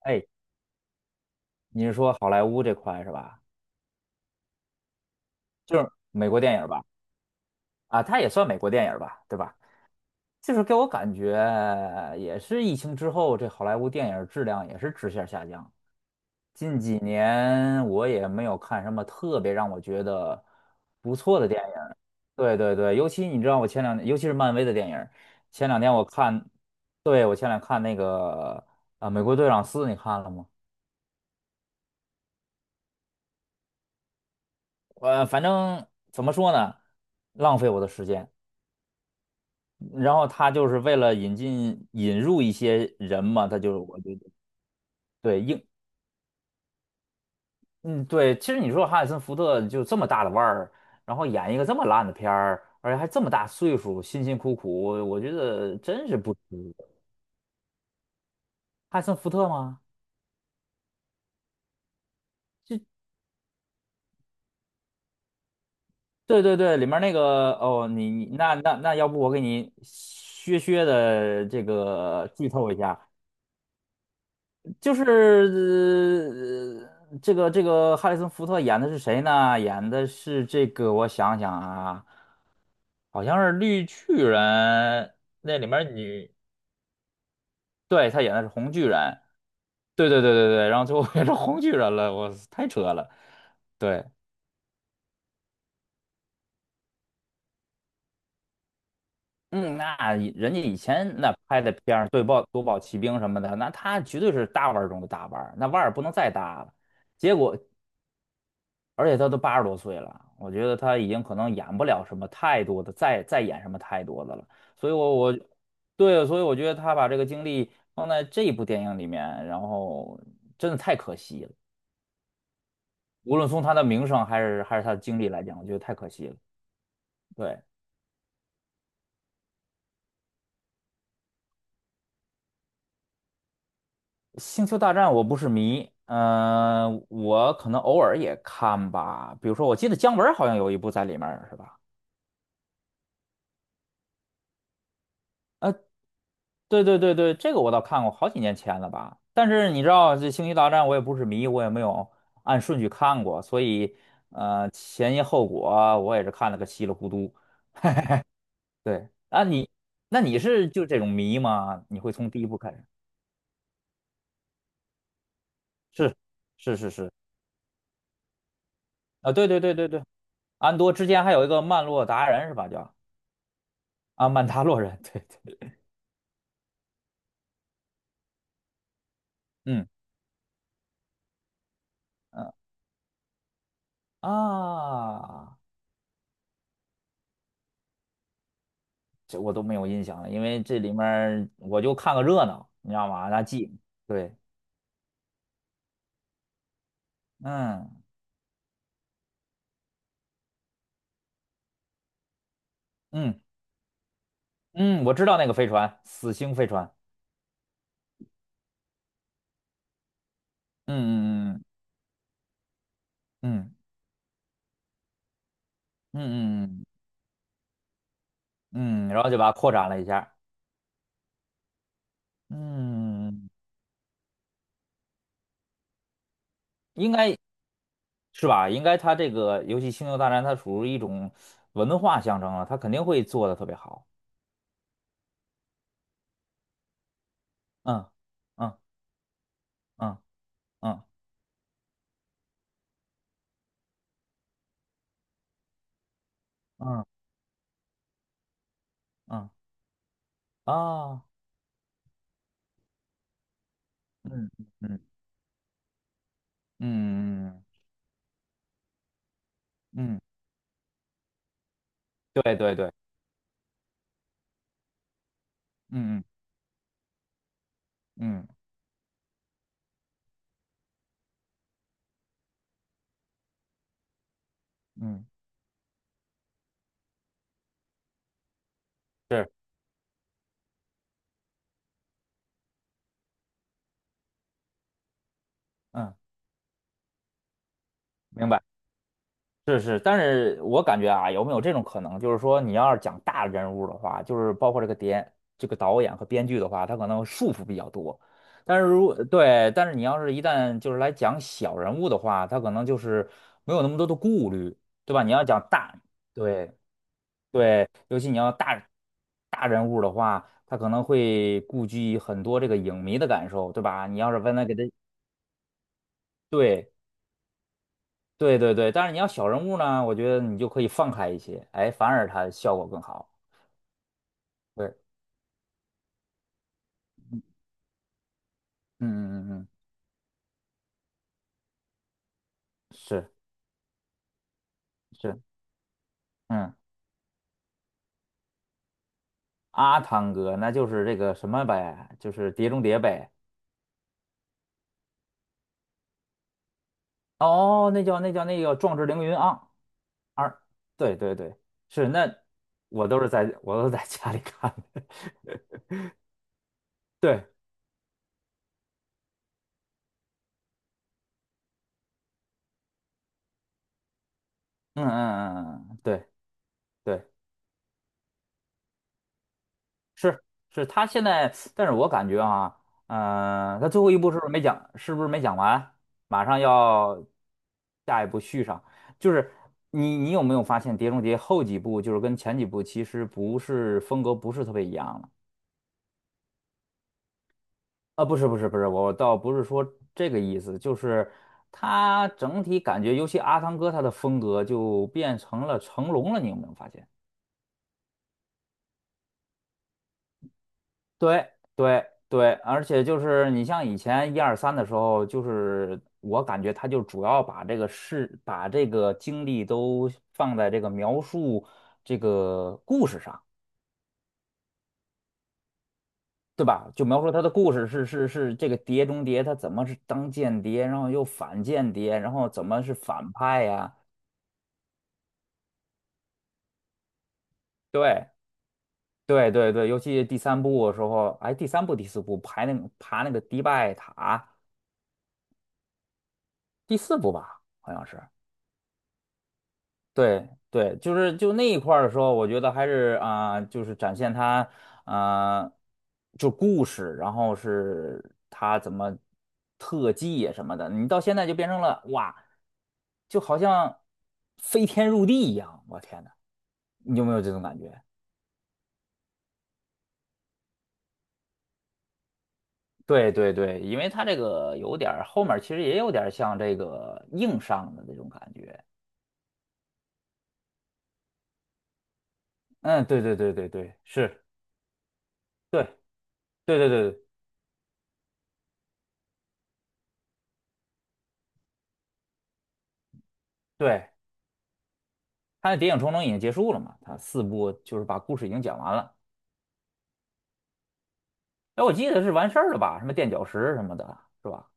哎，你是说好莱坞这块是吧？就是美国电影儿吧？啊，它也算美国电影儿吧，对吧？就是给我感觉，也是疫情之后，这好莱坞电影儿质量也是直线下降。近几年我也没有看什么特别让我觉得不错的电影儿。对对对，尤其你知道，我前两年，尤其是漫威的电影儿。前两天我看，对，我前两天看那个美国队长四》，你看了吗？反正怎么说呢，浪费我的时间。然后他就是为了引进引入一些人嘛，他就是我觉得。对。硬。嗯，对，其实你说哈里森福特就这么大的腕儿，然后演一个这么烂的片儿，而且还这么大岁数，辛辛苦苦，我觉得真是不值。哈里森福特吗？对对对，里面那个。哦，你那要不我给你削的这个剧透一下。就是这个哈里森福特演的是谁呢？演的是这个，我想想啊，好像是绿巨人。那里面女，对，她演的是红巨人，对对对对对，然后最后变成红巨人了，我太扯了，对。嗯，那以人家以前那拍的片儿，对豹夺宝奇兵什么的，那他绝对是大腕儿中的大腕儿，那腕儿不能再大了。结果，而且他都80多岁了，我觉得他已经可能演不了什么太多的，再演什么太多的了。所以我，我对，所以我觉得他把这个精力放在这一部电影里面，然后真的太可惜了。无论从他的名声还是他的经历来讲，我觉得太可惜了。对，《星球大战》我不是迷，嗯、我可能偶尔也看吧。比如说，我记得姜文好像有一部在里面儿是吧？对对对对，这个我倒看过，好几年前了吧。但是你知道，这《星球大战》我也不是迷，我也没有按顺序看过，所以前因后果啊我也是看了个稀里糊涂。对，啊，你，那你是就这种迷吗？你会从第一部开始？是是是是，啊，对对对对对，安多之前还有一个曼洛达人是吧？叫，啊，曼达洛人，对对，嗯嗯，啊，这我都没有印象了，因为这里面儿我就看个热闹，你知道吗？那记。对。嗯嗯嗯，我知道那个飞船，死星飞船。嗯嗯嗯嗯嗯嗯嗯，嗯，然后就把它扩展了一下。嗯，应该是吧？应该它这个游戏《星球大战》，它属于一种文化象征了，它肯定会做的特别好。嗯嗯嗯嗯嗯嗯嗯，啊，嗯嗯嗯嗯，嗯嗯嗯，对对对，嗯嗯嗯嗯，是，嗯，明白。是是，但是我感觉啊，有没有这种可能，就是说你要是讲大人物的话，就是包括这个编、这个导演和编剧的话，他可能束缚比较多。但是如对，但是你要是一旦就是来讲小人物的话，他可能就是没有那么多的顾虑，对吧？你要讲大，对对，尤其你要大人物的话，他可能会顾及很多这个影迷的感受，对吧？你要是问他给他。对。对对对，但是你要小人物呢，我觉得你就可以放开一些，哎，反而它效果更好。对，嗯嗯嗯嗯，是是，嗯，阿汤哥那就是这个什么呗，就是《碟中谍》呗。哦，那叫，那叫那个《壮志凌云》啊，二，对对对，是。那我都是在，我都是在家里看的。对，嗯嗯嗯嗯，嗯，对对。是是，他现在，但是我感觉啊，嗯、他最后一步是不是没讲？是不是没讲完？马上要下一步续上，就是你有没有发现《碟中谍》后几部就是跟前几部其实不是风格不是特别一样了？啊，不是，我倒不是说这个意思，就是他整体感觉，尤其阿汤哥他的风格就变成了成龙了，你有没有发现？对对对，而且就是你像以前1、2、3的时候，就是我感觉他就主要把这个事、把这个精力都放在这个描述这个故事上，对吧？就描述他的故事。是是是，这个碟中谍，他怎么是当间谍，然后又反间谍，然后怎么是反派呀？对对对对，尤其第三部的时候，哎，第三部第四部排那个爬那个迪拜塔，第四部吧，好像是。对对，就是就那一块儿的时候，我觉得还是啊、就是展现他啊、就故事，然后是他怎么特技啊什么的，你到现在就变成了哇，就好像飞天入地一样，我天呐，你有没有这种感觉？对对对，因为他这个有点儿后面儿其实也有点儿像这个硬上的那种感觉，嗯，对对对对对，是，对对对对。对他的《谍影重重》已经结束了嘛，他四部就是把故事已经讲完了。哎，我记得是完事儿了吧？什么垫脚石什么的，是吧？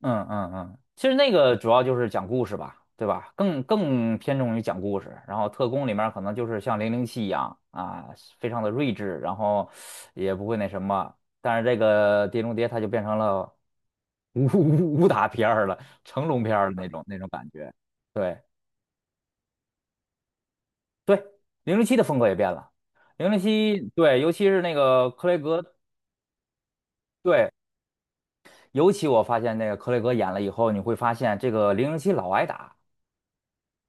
嗯嗯嗯，其实那个主要就是讲故事吧，对吧？更更偏重于讲故事。然后特工里面可能就是像零零七一样啊，非常的睿智，然后也不会那什么。但是这个《碟中谍》它就变成了 武打片儿了，成龙片儿的那种那种感觉。对。对，零零七的风格也变了。零零七，对，尤其是那个克雷格，对，尤其我发现那个克雷格演了以后，你会发现这个零零七老挨打，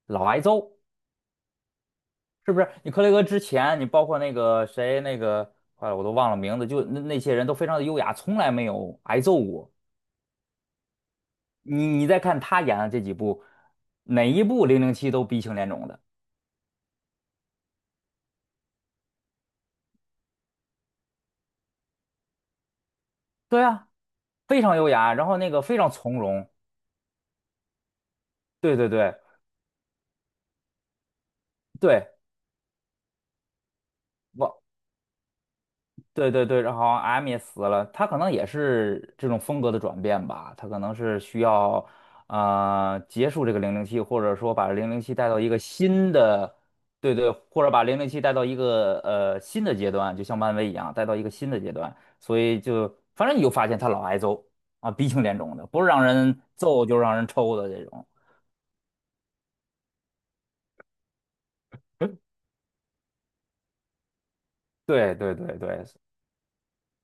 老挨揍，是不是？你克雷格之前，你包括那个谁，那个，坏了，我都忘了名字，就那那些人都非常的优雅，从来没有挨揍过。你你再看他演的这几部，哪一部零零七都鼻青脸肿的。对啊，非常优雅，然后那个非常从容。对对对对。我。对对对，然后好像 M 也死了，他可能也是这种风格的转变吧，他可能是需要，呃，结束这个零零七，或者说把零零七带到一个新的，对对，或者把零零七带到一个，呃，新的阶段，就像漫威一样，带到一个新的阶段，所以就反正你就发现他老挨揍啊，鼻青脸肿的，不是让人揍就是让人抽的这种。对对对对，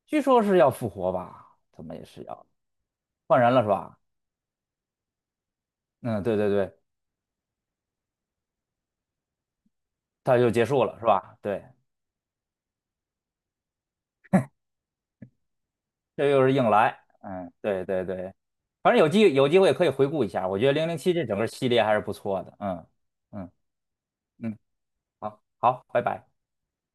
据说是要复活吧，怎么也是要换人了是吧？嗯，对对对，他就结束了是吧？对。这又是硬来，嗯，对对对，反正有机会可以回顾一下，我觉得《零零七》这整个系列还是不错的，嗯嗯嗯，好，好，拜拜。